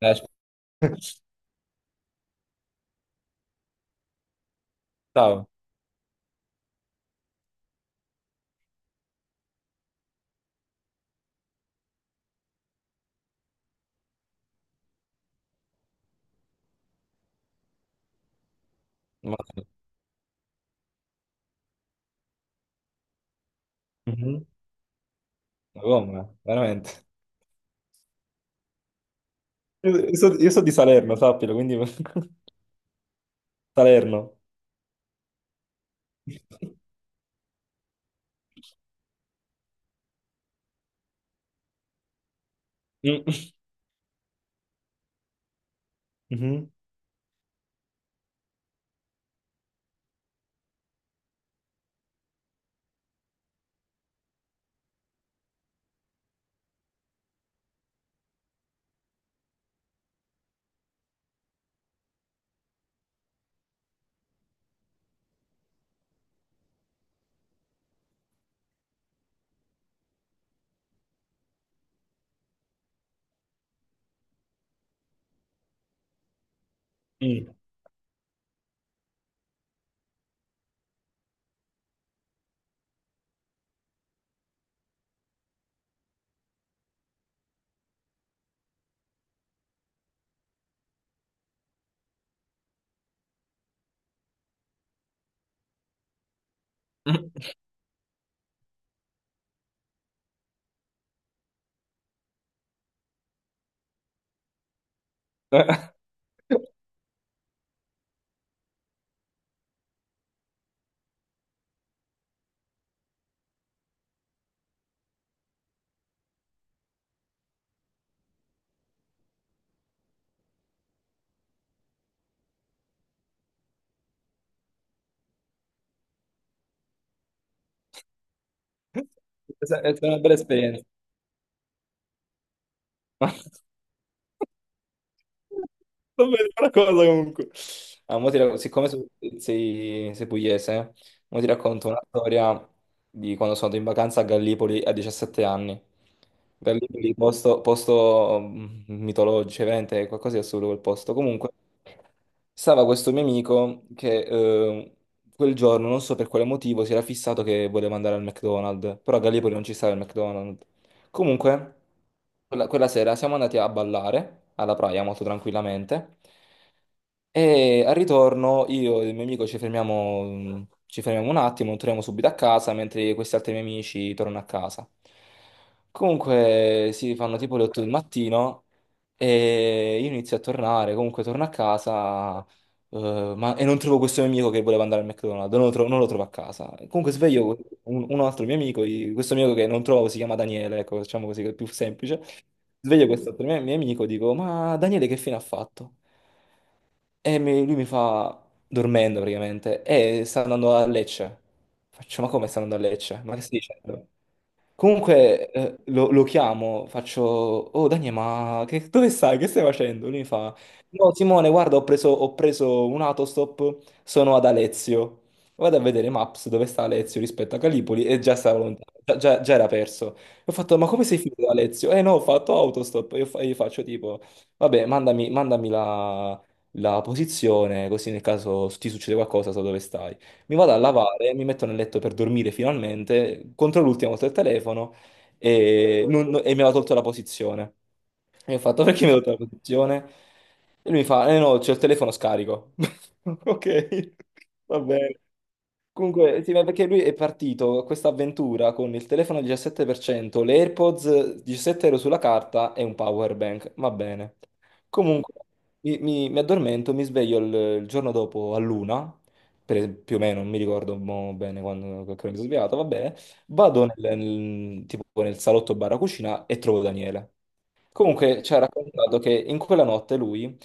Eh, ci pensavo, ma Mhm. Ma come? Veramente. Io so di Salerno, sappilo, quindi Salerno. Mm. Mhm. Mm. È stata una bella esperienza. Non vedo una cosa comunque. Ah, mo ti rac- siccome so- sei pugliese, mo ti racconto una storia di quando sono andato in vacanza a Gallipoli a 17 anni. Gallipoli, posto, posto mitologico, veramente è qualcosa di assurdo quel posto. Comunque, stava questo mio amico che quel giorno, non so per quale motivo, si era fissato che voleva andare al McDonald's, però a Gallipoli non ci stava il McDonald's. Comunque, quella sera siamo andati a ballare alla Praia molto tranquillamente e al ritorno io e il mio amico ci fermiamo un attimo, non torniamo subito a casa, mentre questi altri miei amici tornano a casa. Comunque si fanno tipo le 8 del mattino e io inizio a tornare, comunque torno a casa e non trovo questo mio amico che voleva andare al McDonald's, non lo trovo a casa. Comunque sveglio un altro mio amico, i- questo mio amico che non trovo si chiama Daniele, ecco, diciamo così che è più semplice. Sveglio questo altro mio amico, dico, ma Daniele che fine ha fatto? E mi- lui mi fa, dormendo praticamente, e sta andando a Lecce. Faccio, ma come sta andando a Lecce? Ma che stai dicendo? Comunque lo chiamo, faccio, oh Daniele, ma che- dove stai? Che stai facendo? Lui mi fa, no Simone, guarda, ho preso un autostop, sono ad Alezio. Vado a vedere Maps dove sta Alezio rispetto a Calipoli e già stava lontano, già era perso. E ho fatto, ma come sei finito ad Alezio? Eh no, ho fatto autostop. E io, fa- io faccio tipo, vabbè, mandami la posizione, così nel caso ti succede qualcosa so dove stai. Mi vado a lavare, mi metto nel letto per dormire finalmente, contro l'ultimo ho avuto il telefono e, e mi aveva tolto la posizione. E ho fatto, perché mi ha tolto la posizione? E lui mi fa, eh no, c'è il telefono scarico. Ok, va bene. Comunque, sì, ma perché lui è partito a questa avventura con il telefono al 17%, le AirPods 17 euro sulla carta e un power bank. Va bene. Comunque, mi addormento, mi sveglio il giorno dopo a luna, per- più o meno, non mi ricordo mo bene quando che ora mi sono svegliato, va bene. Vado tipo nel salotto barra cucina e trovo Daniele. Comunque ci ha raccontato che in quella notte lui,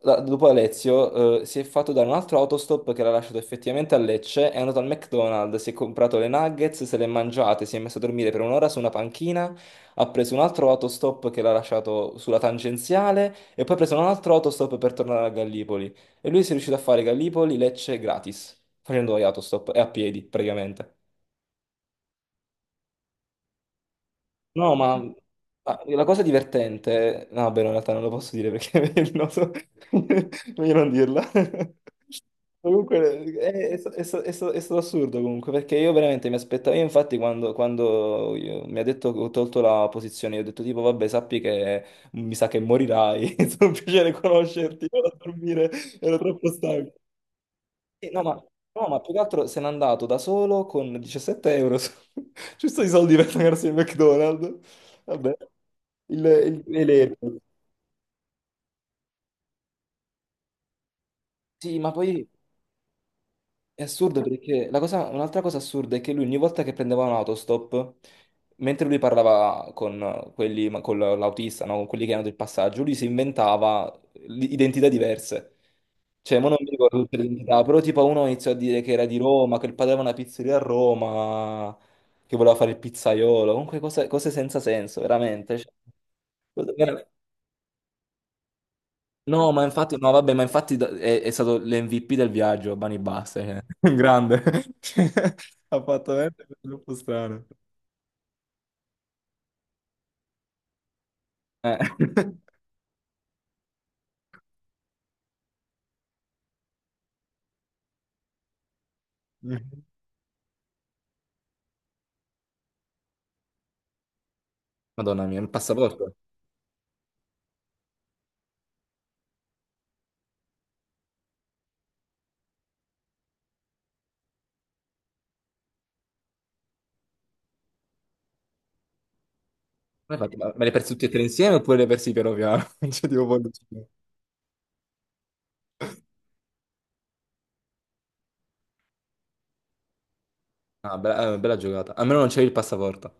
la- dopo Alezio, si è fatto dare un altro autostop che l'ha lasciato effettivamente a Lecce, è andato al McDonald's, si è comprato le nuggets, se le è mangiate, si è messo a dormire per 1 ora su una panchina, ha preso un altro autostop che l'ha lasciato sulla tangenziale e poi ha preso un altro autostop per tornare a Gallipoli. E lui si è riuscito a fare Gallipoli-Lecce gratis, facendo gli autostop e a piedi praticamente. No, ma la cosa divertente, no, beh, no, in realtà non lo posso dire perché è il noto, meglio non dirla. Comunque è, è stato assurdo comunque perché io veramente mi aspettavo, io infatti quando io- mi ha detto che ho tolto la posizione, io ho detto tipo vabbè sappi che mi sa che morirai, è stato un piacere conoscerti, vado a dormire, ero troppo stanco. Sì, no, ma, no, ma più che altro se n'è andato da solo con 17 euro. Su- Giusto i soldi per pagarsi il McDonald's. Vabbè, l'elettrico. Sì, ma poi è assurdo perché la cosa- un'altra cosa assurda è che lui ogni volta che prendeva un autostop, mentre lui parlava con quelli, ma con l'autista, no? Con quelli che erano del passaggio, lui si inventava l- identità diverse. Cioè, mo non mi ricordo tutte le identità, però tipo uno iniziò a dire che era di Roma, che il padre aveva una pizzeria a Roma, che voleva fare il pizzaiolo, comunque cose senza senso, veramente. Cioè, cosa- veramente. No, ma infatti, no, vabbè, ma infatti da- è stato l'MVP del viaggio, Bani Basta, cioè. Un grande. Cioè, ha fatto veramente troppo strano. Eh. Madonna mia, il passaporto. Come hai fatto? Ma me le hai persi tutti e tre insieme oppure le hai persi piano piano? Cioè, tipo, poi- Ah, bella, bella giocata. Almeno non c'è il passaporto.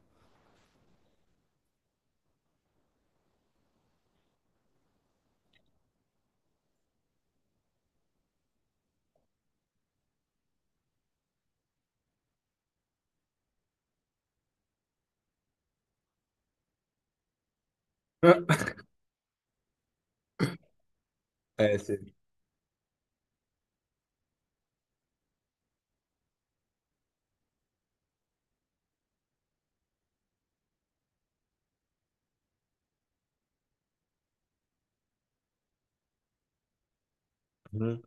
Eh sì. Mhm.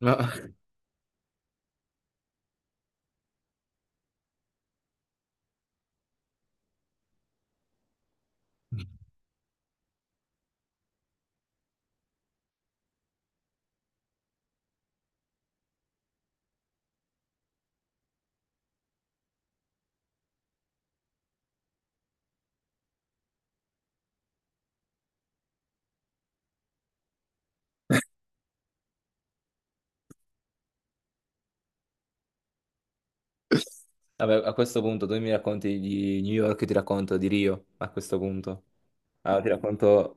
Ma vabbè, a questo punto tu mi racconti di New York, io ti racconto di Rio, a questo punto. Allora, ti racconto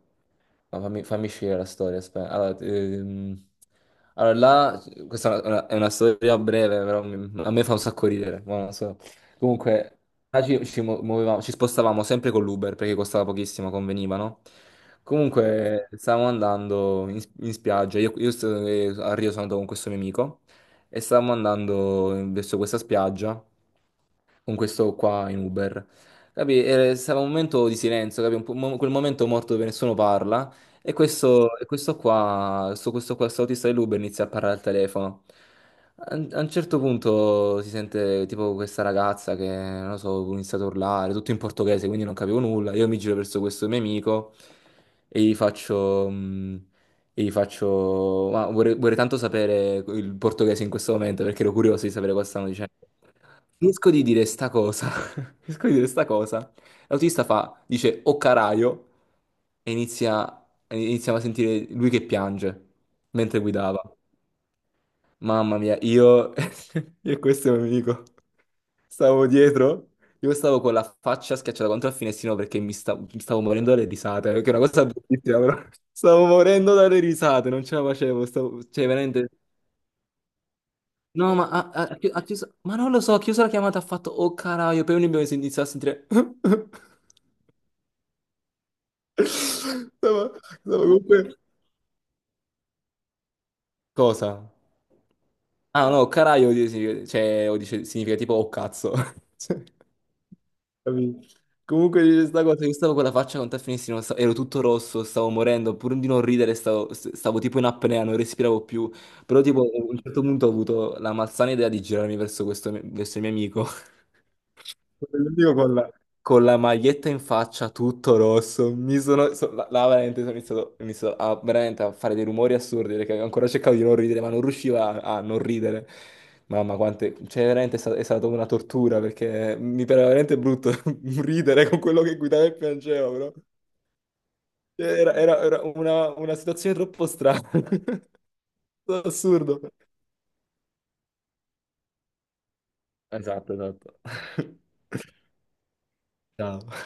no, fammi scegliere la storia, aspetta. Allora, allora, là, questa è una storia breve, però mi- a me fa un sacco ridere, ma non so. Comunque, là ci spostavamo sempre con l'Uber perché costava pochissimo, conveniva, no? Comunque, stavamo andando in spiaggia, a Rio sono andato con questo mio amico e stavamo andando verso questa spiaggia con questo qua in Uber. Capì? Stava un momento di silenzio, capì? Un po- mo- quel momento morto dove nessuno parla. E questo, questo autista dell'Uber inizia a parlare al telefono. A un certo punto si sente tipo questa ragazza che, non lo so, inizia ad urlare, tutto in portoghese, quindi non capivo nulla. Io mi giro verso questo mio amico e gli faccio... e gli faccio, ma vorrei tanto sapere il portoghese in questo momento perché ero curioso di sapere cosa stanno dicendo. Riesco di dire sta cosa, riesco di dire sta cosa. L'autista fa, dice o caraio e iniziamo a sentire lui che piange mentre guidava. Mamma mia, io... io questo è un amico. Stavo dietro, io stavo con la faccia schiacciata contro il finestrino perché mi stavo morendo dalle risate, che è una cosa bruttissima, però stavo morendo dalle risate, non ce la facevo, stavo... cioè veramente... No, ma ha chiuso... Ma non lo so, ha chiuso la chiamata, ha fatto... Oh caraio, poi abbiamo iniziato a sentire... stavo comunque... Cosa? Ah no, caraio, di- significa- cioè, o dice- significa tipo oh cazzo. Capito? Comunque dice questa cosa, io stavo con la faccia con te finissimo, sta- ero tutto rosso, stavo morendo, pur di non ridere stavo tipo in apnea, non respiravo più, però tipo a un certo punto ho avuto la malsana idea di girarmi verso questo, verso il mio amico l'unico con la maglietta in faccia, tutto rosso, mi sono, so- là, là veramente sono iniziato, ho iniziato a, veramente a fare dei rumori assurdi perché ancora cercavo di non ridere, ma non riuscivo a, a non ridere. Mamma, quante, cioè veramente è sta- è stata, una tortura perché mi pareva veramente brutto ridere con quello che guidava e piangevo, però cioè, era, era- era una situazione troppo strana, assurdo. Esatto, esatto. Ciao.